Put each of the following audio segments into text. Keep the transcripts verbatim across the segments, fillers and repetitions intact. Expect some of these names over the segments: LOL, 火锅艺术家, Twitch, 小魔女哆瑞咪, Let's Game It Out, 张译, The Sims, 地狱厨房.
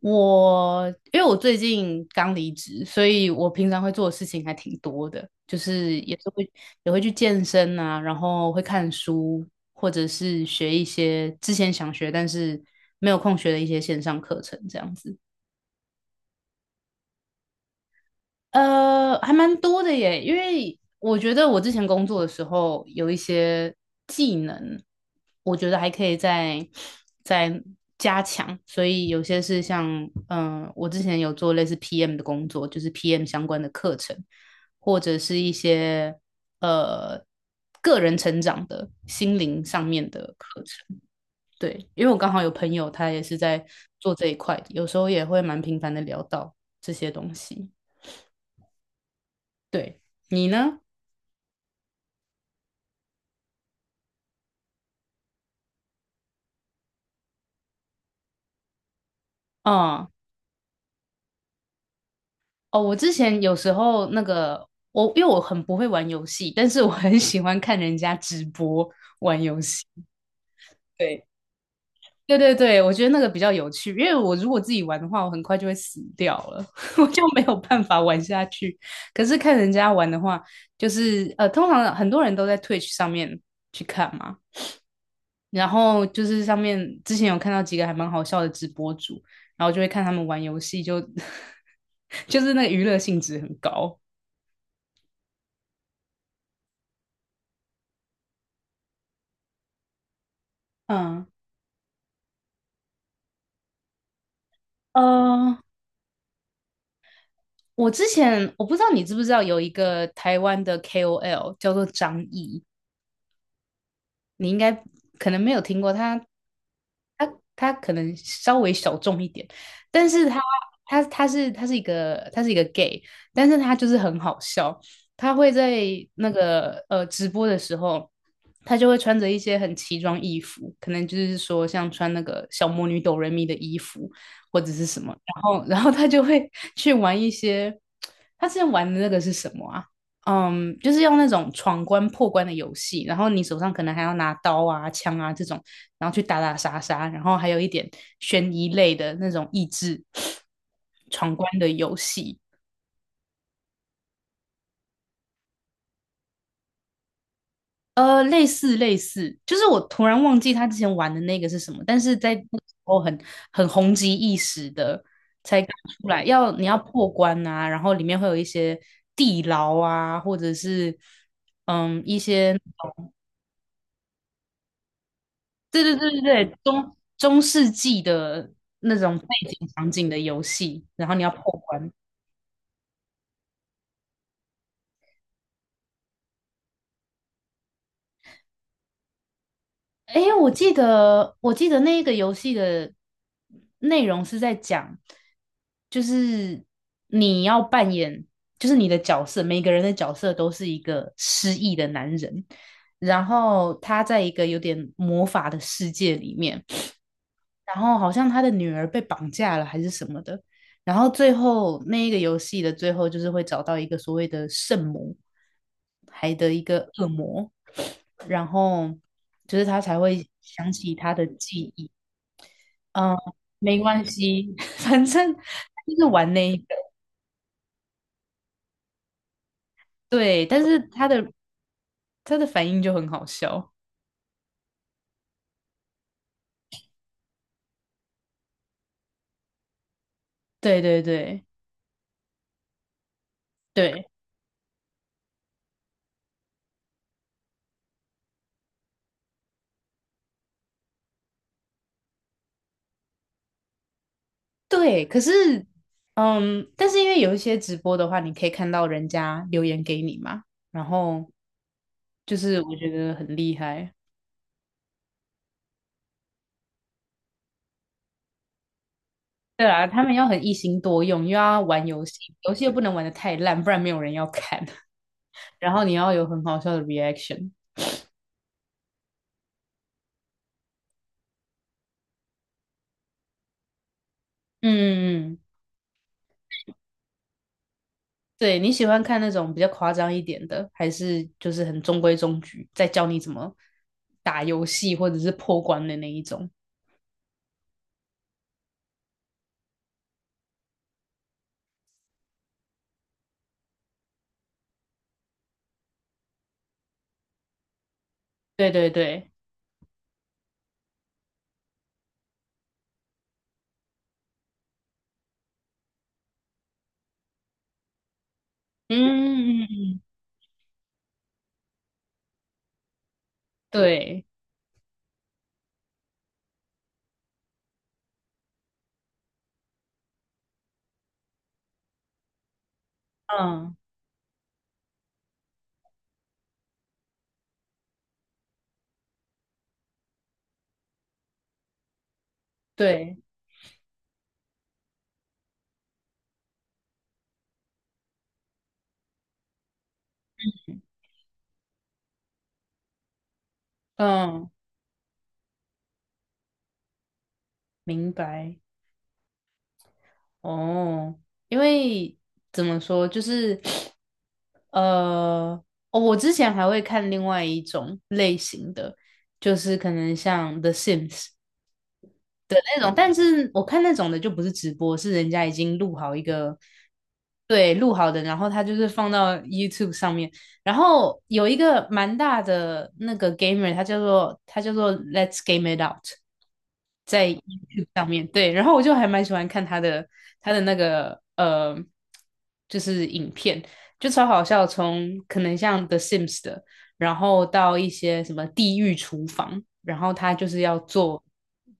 我因为我最近刚离职，所以我平常会做的事情还挺多的，就是也是会也会去健身啊，然后会看书，或者是学一些之前想学但是没有空学的一些线上课程这样子。呃，还蛮多的耶，因为我觉得我之前工作的时候有一些技能，我觉得还可以再再加强，所以有些是像，嗯、我之前有做类似 P M 的工作，就是 P M 相关的课程，或者是一些呃个人成长的心灵上面的课程。对，因为我刚好有朋友他也是在做这一块，有时候也会蛮频繁的聊到这些东西。对，你呢？哦哦，我之前有时候那个我，因为我很不会玩游戏，但是我很喜欢看人家直播玩游戏。对，对对对，我觉得那个比较有趣，因为我如果自己玩的话，我很快就会死掉了，我就没有办法玩下去。可是看人家玩的话，就是呃，通常很多人都在 Twitch 上面去看嘛，然后就是上面之前有看到几个还蛮好笑的直播主，然后就会看他们玩游戏就，就 就是那个娱乐性质很高。嗯，呃，我之前我不知道你知不知道有一个台湾的 K O L 叫做张译，你应该可能没有听过，他他他可能稍微小众一点，但是他他他是他是一个他是一个 gay，但是他就是很好笑，他会在那个呃直播的时候。他就会穿着一些很奇装异服，可能就是说像穿那个小魔女哆瑞咪的衣服或者是什么，然后然后他就会去玩一些，他之前玩的那个是什么啊？嗯，就是用那种闯关破关的游戏，然后你手上可能还要拿刀啊、枪啊这种，然后去打打杀杀，然后还有一点悬疑类的那种益智闯关的游戏。呃，类似类似，就是我突然忘记他之前玩的那个是什么，但是在那个时候很很红极一时的，才刚出来，要你要破关啊，然后里面会有一些地牢啊，或者是嗯一些，对对对对对，中中世纪的那种背景场景的游戏，然后你要破关，诶，我记得，我记得那个游戏的内容是在讲，就是你要扮演，就是你的角色，每个人的角色都是一个失忆的男人，然后他在一个有点魔法的世界里面，然后好像他的女儿被绑架了还是什么的，然后最后那一个游戏的最后就是会找到一个所谓的圣母，还的一个恶魔。然后就是他才会想起他的记忆。嗯，没关系，反正他就是玩那一个，对，但是他的他的反应就很好笑，对对对对对，可是嗯，但是因为有一些直播的话，你可以看到人家留言给你嘛，然后就是我觉得很厉害。对啊，他们要很一心多用，又要玩游戏，游戏又不能玩的太烂，不然没有人要看。然后你要有很好笑的 reaction。嗯嗯嗯。对，你喜欢看那种比较夸张一点的，还是就是很中规中矩，在教你怎么打游戏或者是破关的那一种？对对对，嗯，对，嗯，对，嗯，明白。哦，因为怎么说，就是呃，哦我之前还会看另外一种类型的，就是可能像《The Sims》。的那种，但是我看那种的就不是直播，是人家已经录好一个，对，录好的，然后他就是放到 YouTube 上面。然后有一个蛮大的那个 gamer，他叫做他叫做 Let's Game It Out，在 YouTube 上面，对。然后我就还蛮喜欢看他的他的那个呃，就是影片，就超好笑，从可能像 The Sims 的。然后到一些什么地狱厨房，然后他就是要做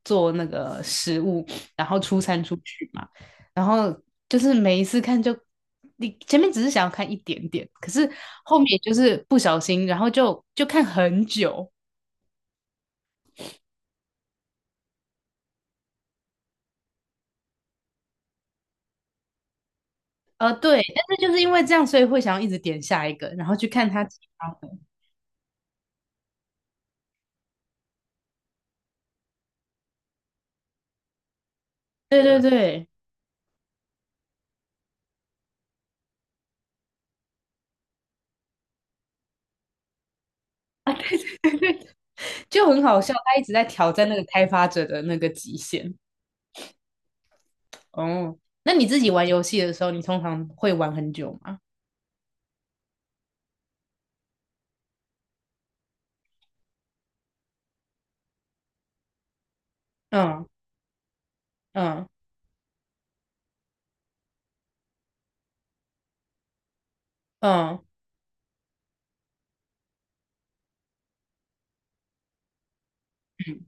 做那个食物，然后出餐出去嘛，然后就是每一次看就你前面只是想要看一点点，可是后面就是不小心，然后就就看很久，呃，对，但是就是因为这样，所以会想要一直点下一个，然后去看他其他的，对对对。啊，对对，就很好笑，他一直在挑战那个开发者的那个极限。哦，那你自己玩游戏的时候，你通常会玩很久吗？嗯嗯嗯嗯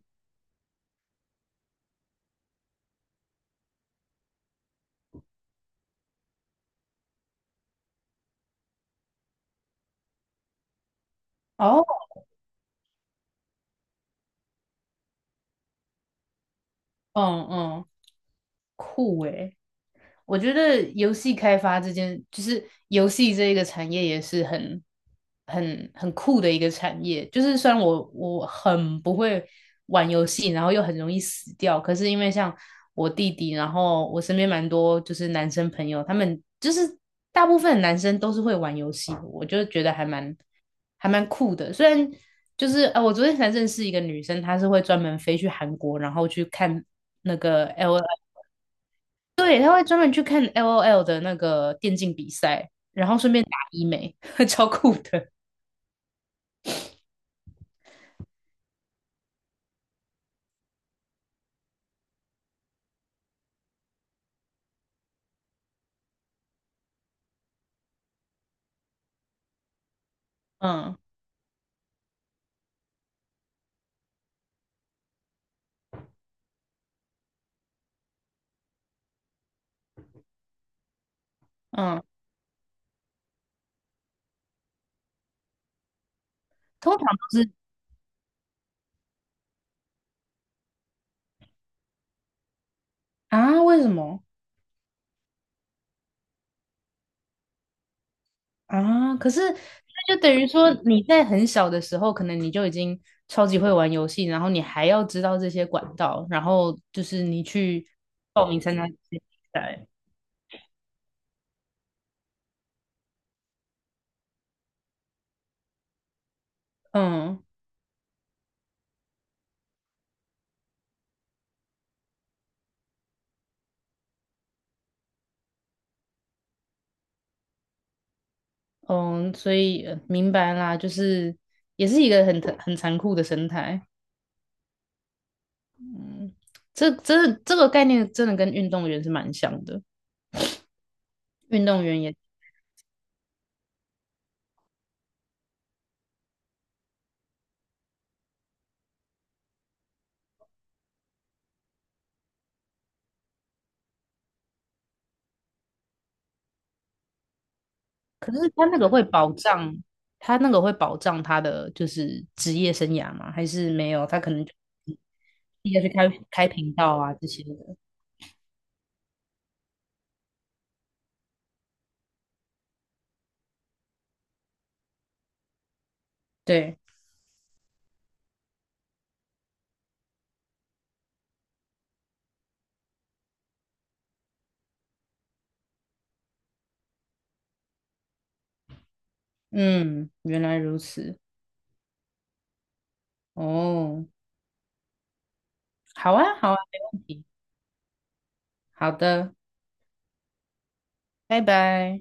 哦，嗯嗯，酷诶。我觉得游戏开发这件，就是游戏这一个产业也是很、很、很酷的一个产业。就是虽然我我很不会玩游戏，然后又很容易死掉，可是因为像我弟弟，然后我身边蛮多就是男生朋友，他们就是大部分男生都是会玩游戏的我就觉得还蛮还蛮酷的。虽然就是呃，我昨天才认识一个女生，她是会专门飞去韩国，然后去看那个 L。对，他会专门去看 L O L 的那个电竞比赛，然后顺便打医美，超酷的。嗯嗯，通常都是啊，为什么啊？可是那就等于说你在很小的时候，可能你就已经超级会玩游戏，然后你还要知道这些管道，然后就是你去报名参加这些比赛。嗯嗯，所以呃明白啦，就是也是一个很很残酷的生态。嗯，这真的这个概念真的跟运动员是蛮像的，运动员也，可是他那个会保障，他那个会保障他的就是职业生涯吗？还是没有？他可能就自己要去开开频道啊这些的。对，嗯，原来如此，哦，好啊，好啊，没问题，好的，拜拜。